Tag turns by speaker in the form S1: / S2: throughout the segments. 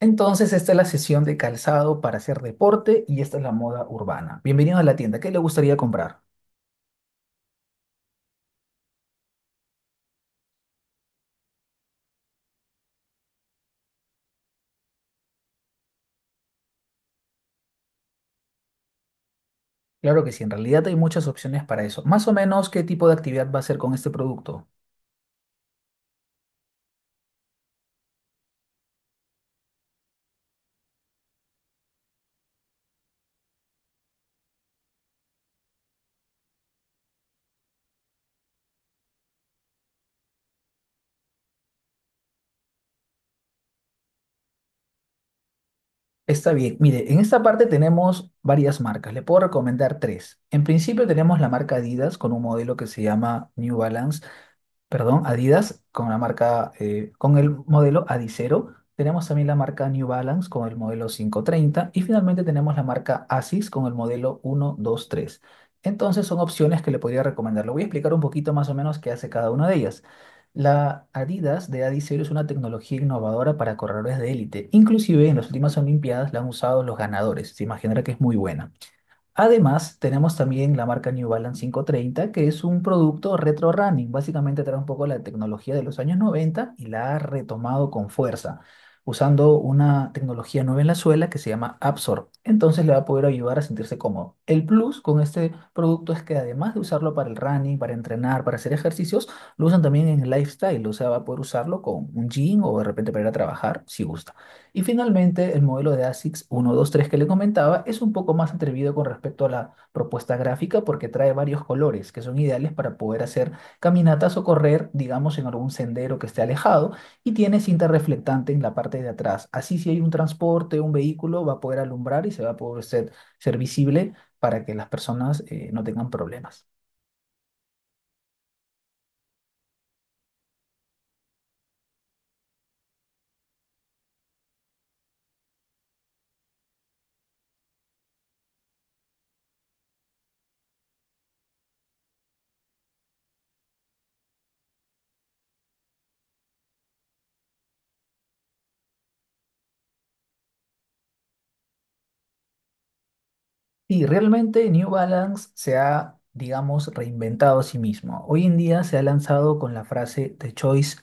S1: Entonces, esta es la sesión de calzado para hacer deporte y esta es la moda urbana. Bienvenidos a la tienda. ¿Qué le gustaría comprar? Claro que sí, en realidad hay muchas opciones para eso. Más o menos, ¿qué tipo de actividad va a hacer con este producto? Está bien. Mire, en esta parte tenemos varias marcas. Le puedo recomendar tres. En principio tenemos la marca Adidas con un modelo que se llama New Balance. Perdón, Adidas con la marca, con el modelo Adicero. Tenemos también la marca New Balance con el modelo 530 y finalmente tenemos la marca ASICS con el modelo 123. Entonces son opciones que le podría recomendar. Le voy a explicar un poquito más o menos qué hace cada una de ellas. La Adidas de Adicero es una tecnología innovadora para corredores de élite. Inclusive en las últimas Olimpiadas la han usado los ganadores. Se imaginará que es muy buena. Además, tenemos también la marca New Balance 530 que es un producto retro running. Básicamente trae un poco la tecnología de los años 90 y la ha retomado con fuerza, usando una tecnología nueva en la suela que se llama Absorb. Entonces le va a poder ayudar a sentirse cómodo. El plus con este producto es que además de usarlo para el running, para entrenar, para hacer ejercicios, lo usan también en el lifestyle. O sea, va a poder usarlo con un jean o de repente para ir a trabajar si gusta. Y finalmente, el modelo de ASICS 123 que le comentaba es un poco más atrevido con respecto a la propuesta gráfica porque trae varios colores que son ideales para poder hacer caminatas o correr, digamos, en algún sendero que esté alejado y tiene cinta reflectante en la parte de atrás. Así si hay un transporte, un vehículo, va a poder alumbrar y se va a poder ser visible para que las personas no tengan problemas. Sí, realmente New Balance se ha, digamos, reinventado a sí mismo. Hoy en día se ha lanzado con la frase The Choice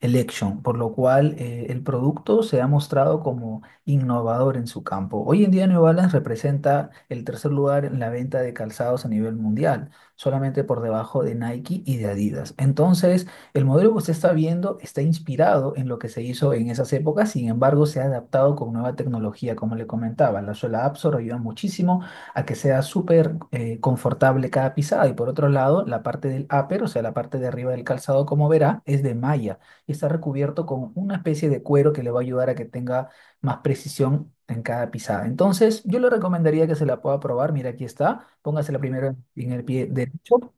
S1: Election, por lo cual el producto se ha mostrado como innovador en su campo. Hoy en día New Balance representa el tercer lugar en la venta de calzados a nivel mundial, solamente por debajo de Nike y de Adidas. Entonces, el modelo que usted está viendo está inspirado en lo que se hizo en esas épocas, sin embargo, se ha adaptado con nueva tecnología, como le comentaba. La suela Absor ayuda muchísimo a que sea súper confortable cada pisada. Y por otro lado, la parte del upper, o sea, la parte de arriba del calzado, como verá, es de malla y está recubierto con una especie de cuero que le va a ayudar a que tenga más precisión en cada pisada. Entonces, yo le recomendaría que se la pueda probar. Mira, aquí está. Póngasela primero en el pie derecho.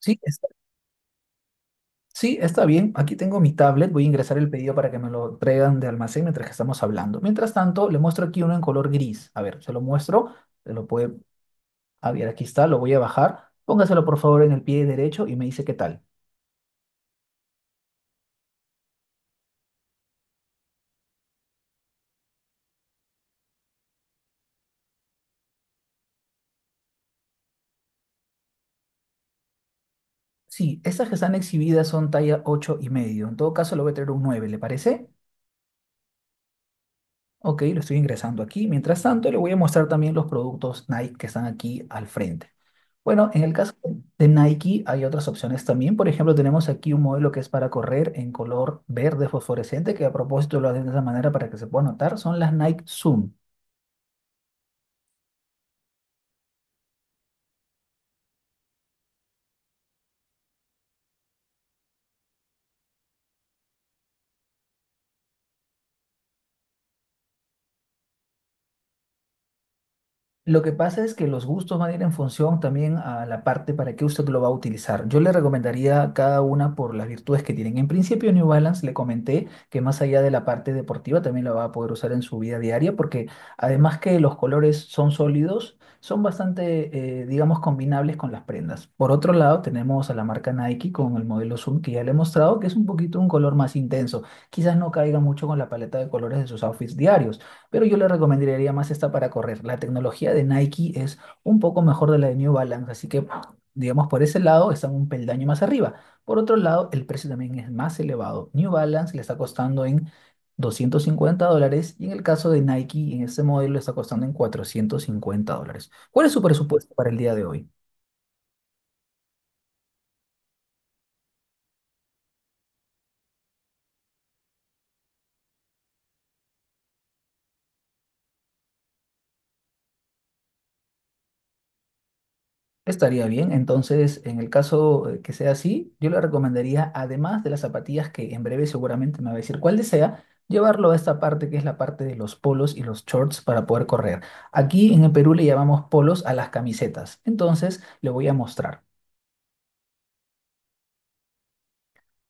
S1: Sí, está, sí, está bien. Aquí tengo mi tablet. Voy a ingresar el pedido para que me lo traigan de almacén mientras que estamos hablando. Mientras tanto, le muestro aquí uno en color gris. A ver, se lo muestro. Se lo puede A ver, aquí está, lo voy a bajar. Póngaselo por favor en el pie derecho y me dice qué tal. Sí, estas que están exhibidas son talla 8.5. En todo caso, le voy a traer un 9, ¿le parece? Ok, lo estoy ingresando aquí. Mientras tanto, le voy a mostrar también los productos Nike que están aquí al frente. Bueno, en el caso de Nike hay otras opciones también. Por ejemplo, tenemos aquí un modelo que es para correr en color verde fosforescente, que a propósito lo hacen de esa manera para que se pueda notar. Son las Nike Zoom. Lo que pasa es que los gustos van a ir en función también a la parte para qué usted lo va a utilizar. Yo le recomendaría cada una por las virtudes que tienen. En principio, New Balance le comenté que más allá de la parte deportiva también la va a poder usar en su vida diaria porque además que los colores son sólidos, son bastante, digamos, combinables con las prendas. Por otro lado, tenemos a la marca Nike con el modelo Zoom que ya le he mostrado que es un poquito un color más intenso. Quizás no caiga mucho con la paleta de colores de sus outfits diarios, pero yo le recomendaría más esta para correr. La tecnología de Nike es un poco mejor de la de New Balance, así que, digamos, por ese lado están un peldaño más arriba. Por otro lado, el precio también es más elevado. New Balance le está costando en $250 y en el caso de Nike, en este modelo, le está costando en $450. ¿Cuál es su presupuesto para el día de hoy? Estaría bien, entonces en el caso que sea así, yo le recomendaría, además de las zapatillas que en breve seguramente me va a decir cuál desea, llevarlo a esta parte que es la parte de los polos y los shorts para poder correr. Aquí en el Perú le llamamos polos a las camisetas, entonces le voy a mostrar.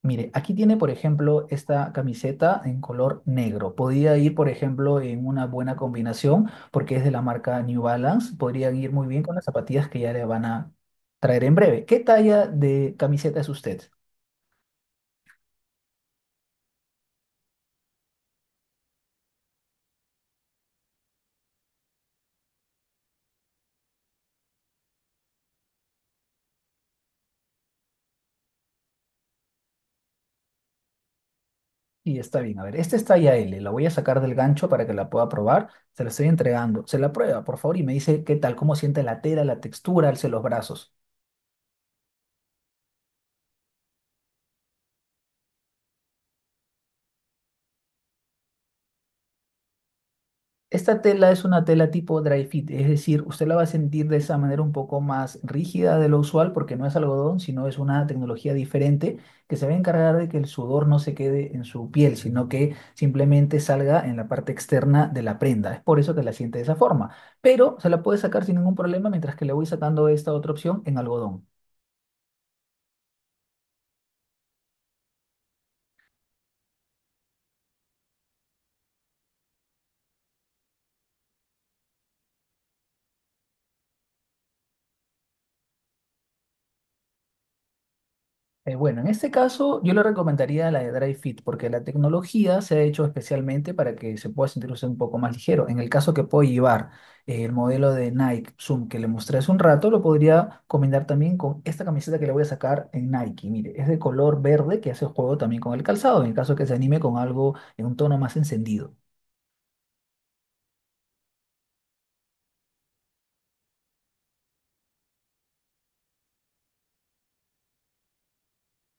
S1: Mire, aquí tiene, por ejemplo, esta camiseta en color negro. Podría ir, por ejemplo, en una buena combinación porque es de la marca New Balance. Podrían ir muy bien con las zapatillas que ya le van a traer en breve. ¿Qué talla de camiseta es usted? Y está bien, a ver, esta es talla L. La voy a sacar del gancho para que la pueda probar. Se la estoy entregando. Se la prueba, por favor, y me dice qué tal, cómo siente la tela, la textura, alce los brazos. Esta tela es una tela tipo dry fit, es decir, usted la va a sentir de esa manera un poco más rígida de lo usual porque no es algodón, sino es una tecnología diferente que se va a encargar de que el sudor no se quede en su piel, sino que simplemente salga en la parte externa de la prenda. Es por eso que la siente de esa forma, pero se la puede sacar sin ningún problema mientras que le voy sacando esta otra opción en algodón. Bueno, en este caso yo le recomendaría la de Dry Fit porque la tecnología se ha hecho especialmente para que se pueda sentir usted un poco más ligero. En el caso que pueda llevar el modelo de Nike Zoom que le mostré hace un rato, lo podría combinar también con esta camiseta que le voy a sacar en Nike. Mire, es de color verde que hace juego también con el calzado, en el caso que se anime con algo en un tono más encendido.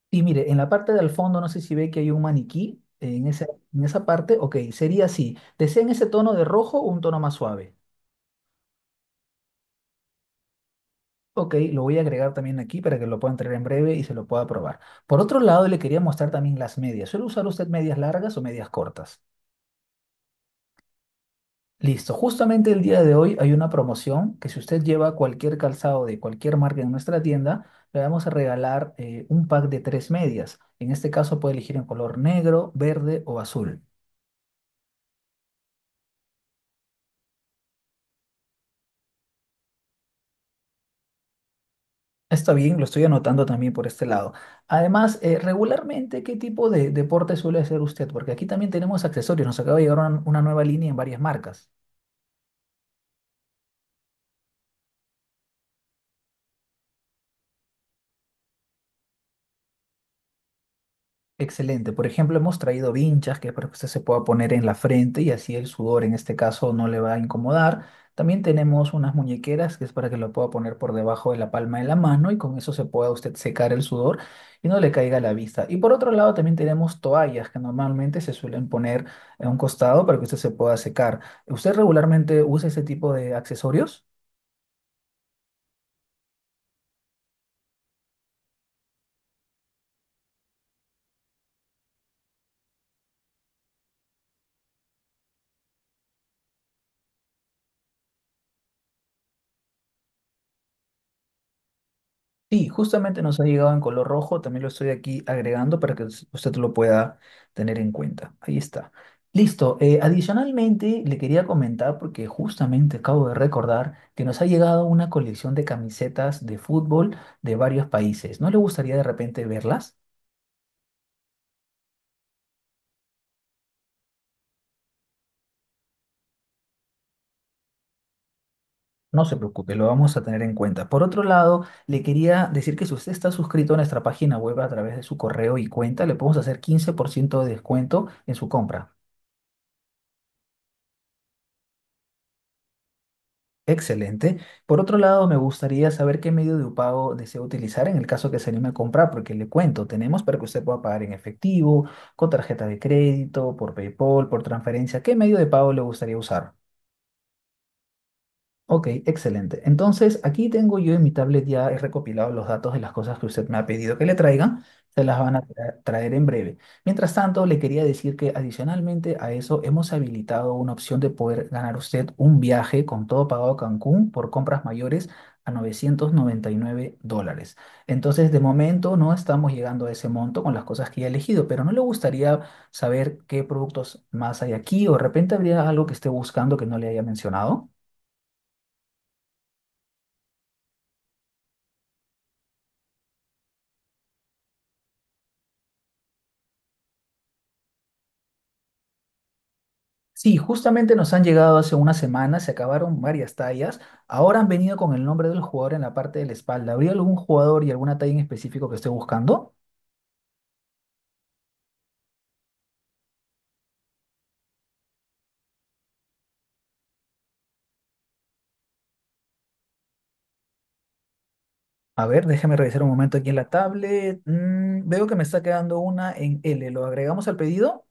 S1: Y mire, en la parte del fondo no sé si ve que hay un maniquí. En esa parte, ok, sería así. ¿Desean ese tono de rojo o un tono más suave? Ok, lo voy a agregar también aquí para que lo puedan traer en breve y se lo pueda probar. Por otro lado, le quería mostrar también las medias. ¿Suele usar usted medias largas o medias cortas? Listo, justamente el día de hoy hay una promoción que si usted lleva cualquier calzado de cualquier marca en nuestra tienda, le vamos a regalar un pack de tres medias. En este caso puede elegir en color negro, verde o azul. Está bien, lo estoy anotando también por este lado. Además, regularmente, ¿qué tipo de deporte suele hacer usted? Porque aquí también tenemos accesorios. Nos acaba de llegar una nueva línea en varias marcas. Excelente. Por ejemplo, hemos traído vinchas que es para que usted se pueda poner en la frente y así el sudor en este caso no le va a incomodar. También tenemos unas muñequeras que es para que lo pueda poner por debajo de la palma de la mano y con eso se pueda usted secar el sudor y no le caiga a la vista. Y por otro lado también tenemos toallas que normalmente se suelen poner en un costado para que usted se pueda secar. ¿Usted regularmente usa ese tipo de accesorios? Sí, justamente nos ha llegado en color rojo, también lo estoy aquí agregando para que usted lo pueda tener en cuenta. Ahí está. Listo. Adicionalmente, le quería comentar, porque justamente acabo de recordar que nos ha llegado una colección de camisetas de fútbol de varios países. ¿No le gustaría de repente verlas? No se preocupe, lo vamos a tener en cuenta. Por otro lado, le quería decir que si usted está suscrito a nuestra página web a través de su correo y cuenta, le podemos hacer 15% de descuento en su compra. Excelente. Por otro lado, me gustaría saber qué medio de pago desea utilizar en el caso que se anime a comprar, porque le cuento, tenemos para que usted pueda pagar en efectivo, con tarjeta de crédito, por PayPal, por transferencia. ¿Qué medio de pago le gustaría usar? Ok, excelente. Entonces, aquí tengo yo en mi tablet ya he recopilado los datos de las cosas que usted me ha pedido que le traiga. Se las van a traer en breve. Mientras tanto, le quería decir que adicionalmente a eso hemos habilitado una opción de poder ganar usted un viaje con todo pagado a Cancún por compras mayores a $999. Entonces, de momento no estamos llegando a ese monto con las cosas que ya he elegido, pero no le gustaría saber qué productos más hay aquí o de repente habría algo que esté buscando que no le haya mencionado. Sí, justamente nos han llegado hace una semana, se acabaron varias tallas. Ahora han venido con el nombre del jugador en la parte de la espalda. ¿Habría algún jugador y alguna talla en específico que esté buscando? A ver, déjeme revisar un momento aquí en la tablet. Veo que me está quedando una en L. ¿Lo agregamos al pedido?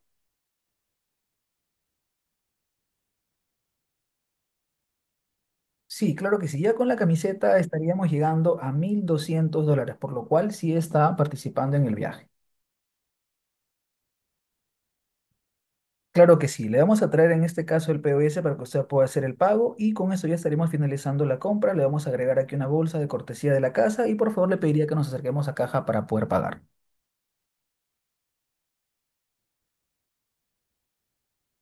S1: Sí, claro que sí. Ya con la camiseta estaríamos llegando a $1,200, por lo cual sí está participando en el viaje. Claro que sí, le vamos a traer en este caso el POS para que usted pueda hacer el pago y con eso ya estaremos finalizando la compra. Le vamos a agregar aquí una bolsa de cortesía de la casa y por favor le pediría que nos acerquemos a caja para poder pagar.